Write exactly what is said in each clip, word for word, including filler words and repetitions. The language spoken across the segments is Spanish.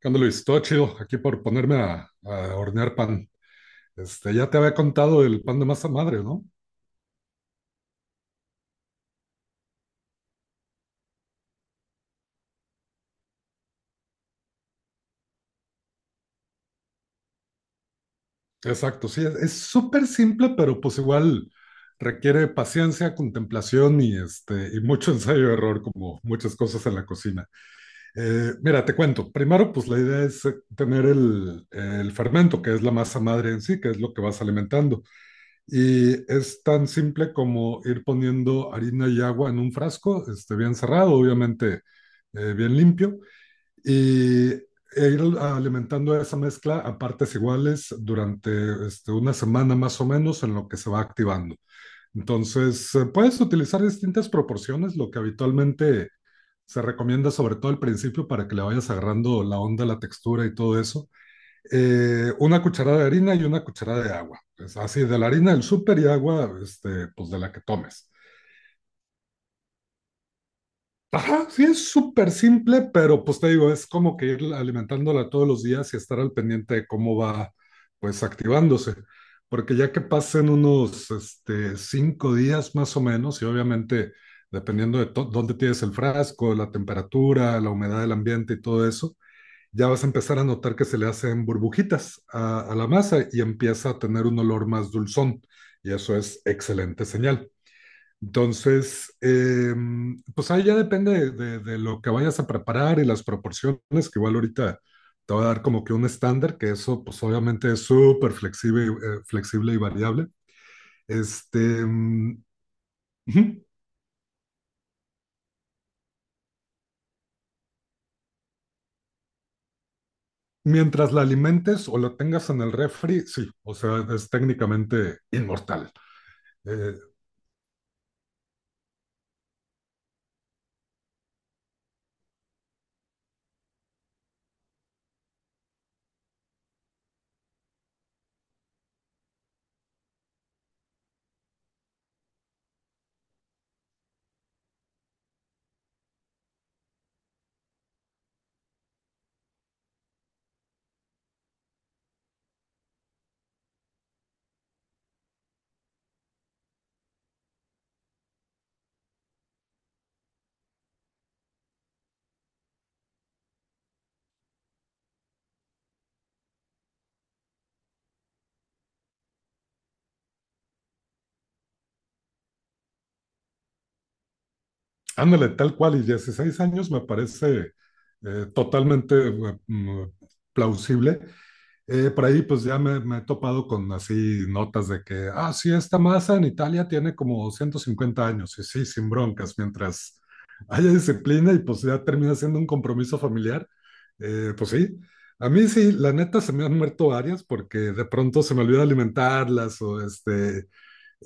¿Qué onda, Luis? Todo chido aquí por ponerme a, a hornear pan. Este, ya te había contado el pan de masa madre, ¿no? Exacto, sí, es es súper simple, pero pues igual requiere paciencia, contemplación y, este, y mucho ensayo y error, como muchas cosas en la cocina. Eh, mira, te cuento. Primero, pues la idea es eh, tener el, el fermento, que es la masa madre en sí, que es lo que vas alimentando. Y es tan simple como ir poniendo harina y agua en un frasco, este, bien cerrado, obviamente eh, bien limpio, y e ir alimentando esa mezcla a partes iguales durante este, una semana más o menos en lo que se va activando. Entonces, eh, puedes utilizar distintas proporciones. Lo que habitualmente se recomienda, sobre todo al principio, para que le vayas agarrando la onda, la textura y todo eso, eh, una cucharada de harina y una cucharada de agua. Pues así, de la harina del súper y agua, este, pues de la que tomes. Ajá, sí, es súper simple, pero pues te digo, es como que ir alimentándola todos los días y estar al pendiente de cómo va pues activándose. Porque ya que pasen unos este, cinco días más o menos, y obviamente dependiendo de to- dónde tienes el frasco, la temperatura, la humedad del ambiente y todo eso, ya vas a empezar a notar que se le hacen burbujitas a, a la masa y empieza a tener un olor más dulzón. Y eso es excelente señal. Entonces, eh, pues ahí ya depende de, de, de, lo que vayas a preparar y las proporciones, que igual ahorita te voy a dar como que un estándar, que eso pues obviamente es súper flexible. Eh, flexible y variable. Este, um, Mientras la alimentes o la tengas en el refri, sí, o sea, es técnicamente inmortal. Eh, Ándale, tal cual, y dieciséis años me parece eh, totalmente eh, mm, plausible. Eh, por ahí pues ya me, me he topado con así notas de que, ah, sí, esta masa en Italia tiene como ciento cincuenta años, y sí, sin broncas, mientras haya disciplina y pues ya termina siendo un compromiso familiar, eh, pues sí. A mí sí, la neta se me han muerto varias porque de pronto se me olvida alimentarlas o este,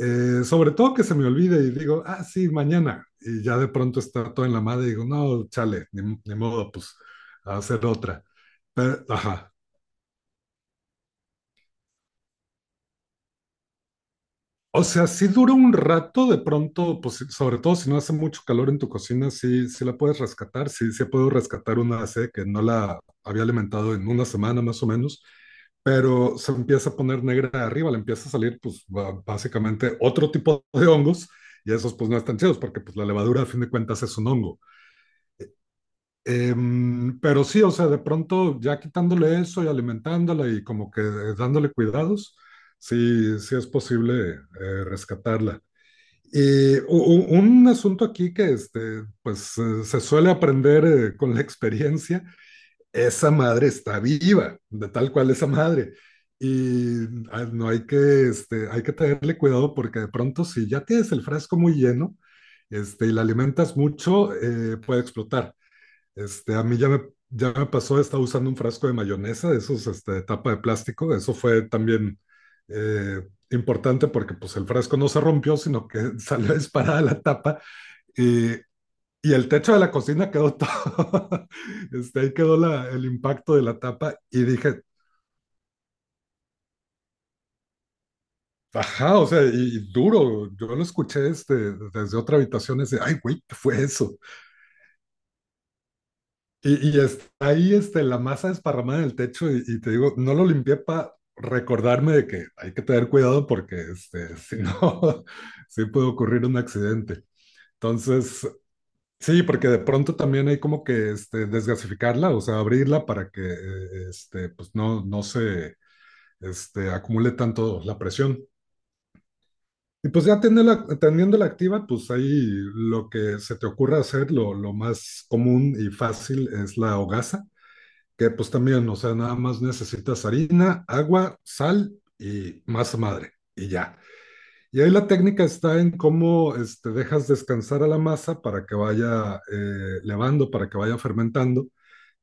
eh, sobre todo que se me olvide y digo, ah, sí, mañana. Y ya de pronto está todo en la madre y digo, no, chale, ni, ni modo, pues a hacer otra. Pero, ajá. O sea, sí dura un rato de pronto, pues sí, sobre todo si no hace mucho calor en tu cocina, sí, sí la puedes rescatar. Sí, sí puedo rescatar una C que no la había alimentado en una semana más o menos, pero se empieza a poner negra de arriba, le empieza a salir, pues ba- básicamente otro tipo de hongos. Y esos pues no están chidos porque pues la levadura a fin de cuentas es un hongo. Em, pero sí, o sea, de pronto ya quitándole eso y alimentándola y como que eh, dándole cuidados, sí, sí es posible eh, rescatarla. Y u- u- un asunto aquí que este, pues eh, se suele aprender, eh, con la experiencia, esa madre está viva, de tal cual esa madre. Y ah, no hay que, este, hay que tenerle cuidado porque de pronto si ya tienes el frasco muy lleno, este, y la alimentas mucho, eh, puede explotar. Este, a mí ya me, Ya me pasó. Estaba usando un frasco de mayonesa, de esos, este, de tapa de plástico. Eso fue también eh, importante porque pues el frasco no se rompió, sino que salió disparada la tapa y, y el techo de la cocina quedó todo, este, ahí quedó la, el impacto de la tapa y dije, ajá, o sea, y, y duro, yo lo escuché este, desde otra habitación, ese, ay, güey, ¿qué fue eso? Y, y está ahí este, la masa desparramada en el techo y, y te digo, no lo limpié para recordarme de que hay que tener cuidado porque este, si no, sí puede ocurrir un accidente. Entonces, sí, porque de pronto también hay como que este, desgasificarla, o sea, abrirla para que eh, este, pues no, no se este, acumule tanto la presión. Y pues ya teniéndola, teniéndola activa, pues ahí lo que se te ocurra hacer, lo, lo más común y fácil es la hogaza, que pues también, o sea, nada más necesitas harina, agua, sal y masa madre, y ya. Y ahí la técnica está en cómo este, dejas descansar a la masa para que vaya, eh, levando, para que vaya fermentando,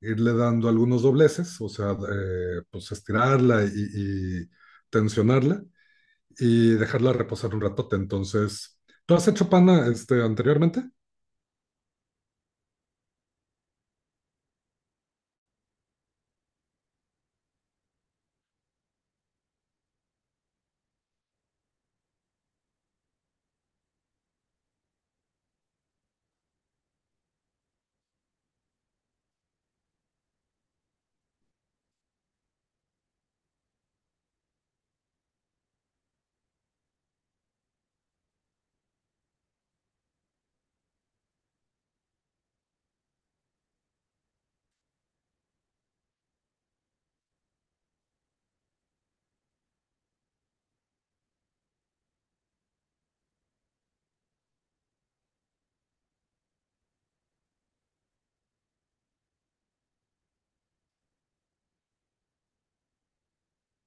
irle dando algunos dobleces, o sea, eh, pues estirarla y, y tensionarla y dejarla reposar un ratote. Entonces, ¿tú has hecho pana este, anteriormente?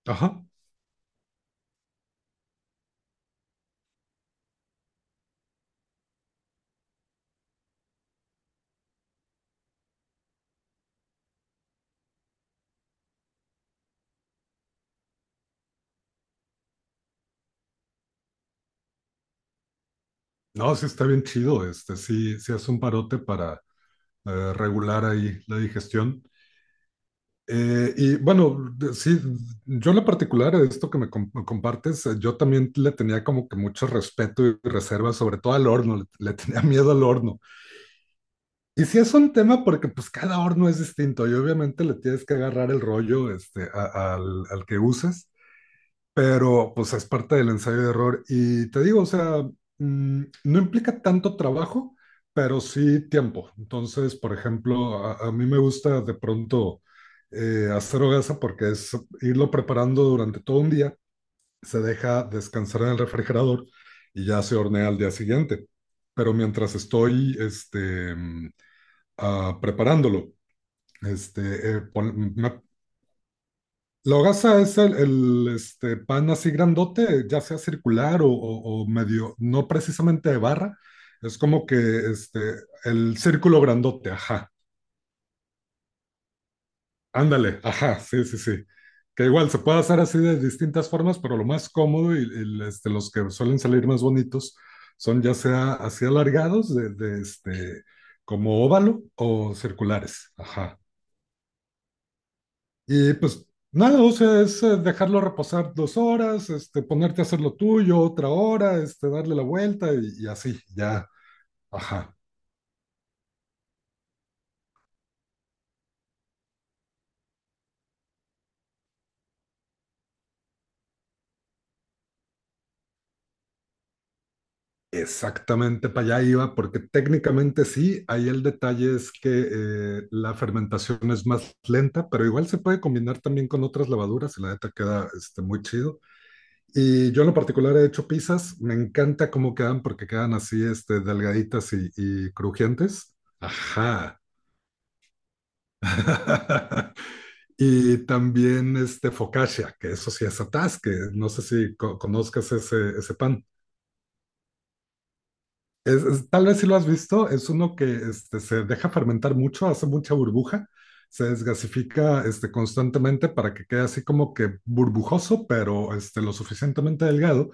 Ajá. No, sí está bien chido, este, sí, sí es un parote para eh, regular ahí la digestión. Eh, y bueno, de- sí, yo en lo particular, esto que me com- me compartes, eh, yo también le tenía como que mucho respeto y reserva, sobre todo al horno. le, le tenía miedo al horno. Y sí es un tema porque pues cada horno es distinto y obviamente le tienes que agarrar el rollo este, a- al, al que uses, pero pues es parte del ensayo de error. Y te digo, o sea, mm, no implica tanto trabajo, pero sí tiempo. Entonces, por ejemplo, a, a mí me gusta de pronto eh, hacer hogaza porque es irlo preparando durante todo un día, se deja descansar en el refrigerador y ya se hornea al día siguiente. Pero mientras estoy este, mm, ah, preparándolo, este, eh, pon- me, la hogaza es el, el, este, pan así grandote, ya sea circular o, o- o- medio, no precisamente de barra. Es como que este, el círculo grandote, ajá, ándale, ajá, sí, sí, sí, que igual se puede hacer así de distintas formas, pero lo más cómodo y, y, este, los que suelen salir más bonitos son ya sea así alargados, de, de, este, como óvalo o circulares, ajá. Y pues nada, o sea, es eh, dejarlo reposar dos horas, este, ponerte a hacer lo tuyo otra hora, este, darle la vuelta y, y así, ya. Ajá, exactamente para allá iba, porque técnicamente sí. Ahí el detalle es que eh, la fermentación es más lenta, pero igual se puede combinar también con otras levaduras y la neta queda este, muy chido. Y yo en lo particular he hecho pizzas. Me encanta cómo quedan porque quedan así, este, delgaditas y, y crujientes. Ajá. Y también este focaccia, que eso sí es atrás, que no sé si co- conozcas ese, ese pan. Es- es- tal vez si lo has visto, es uno que este, se deja fermentar mucho, hace mucha burbuja, se desgasifica este, constantemente para que quede así como que burbujoso, pero este, lo suficientemente delgado.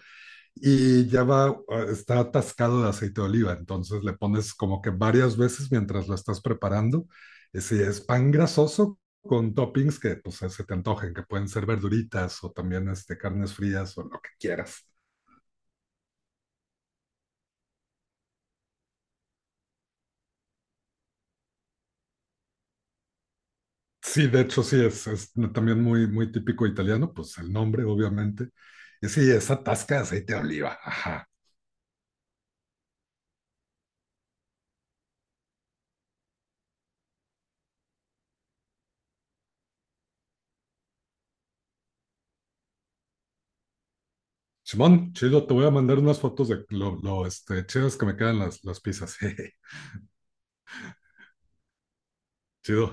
Y ya va, eh, está atascado de aceite de oliva, entonces le pones como que varias veces mientras lo estás preparando. Y si es pan grasoso con toppings que pues se te antojen, que pueden ser verduritas o también este, carnes frías o lo que quieras. Sí, de hecho sí, es, es también muy, muy típico italiano, pues el nombre obviamente. Y sí, esa tasca de aceite de oliva, ajá. Simón, chido, te voy a mandar unas fotos de lo, lo este, chidas que me quedan las, las pizzas. Jeje, chido.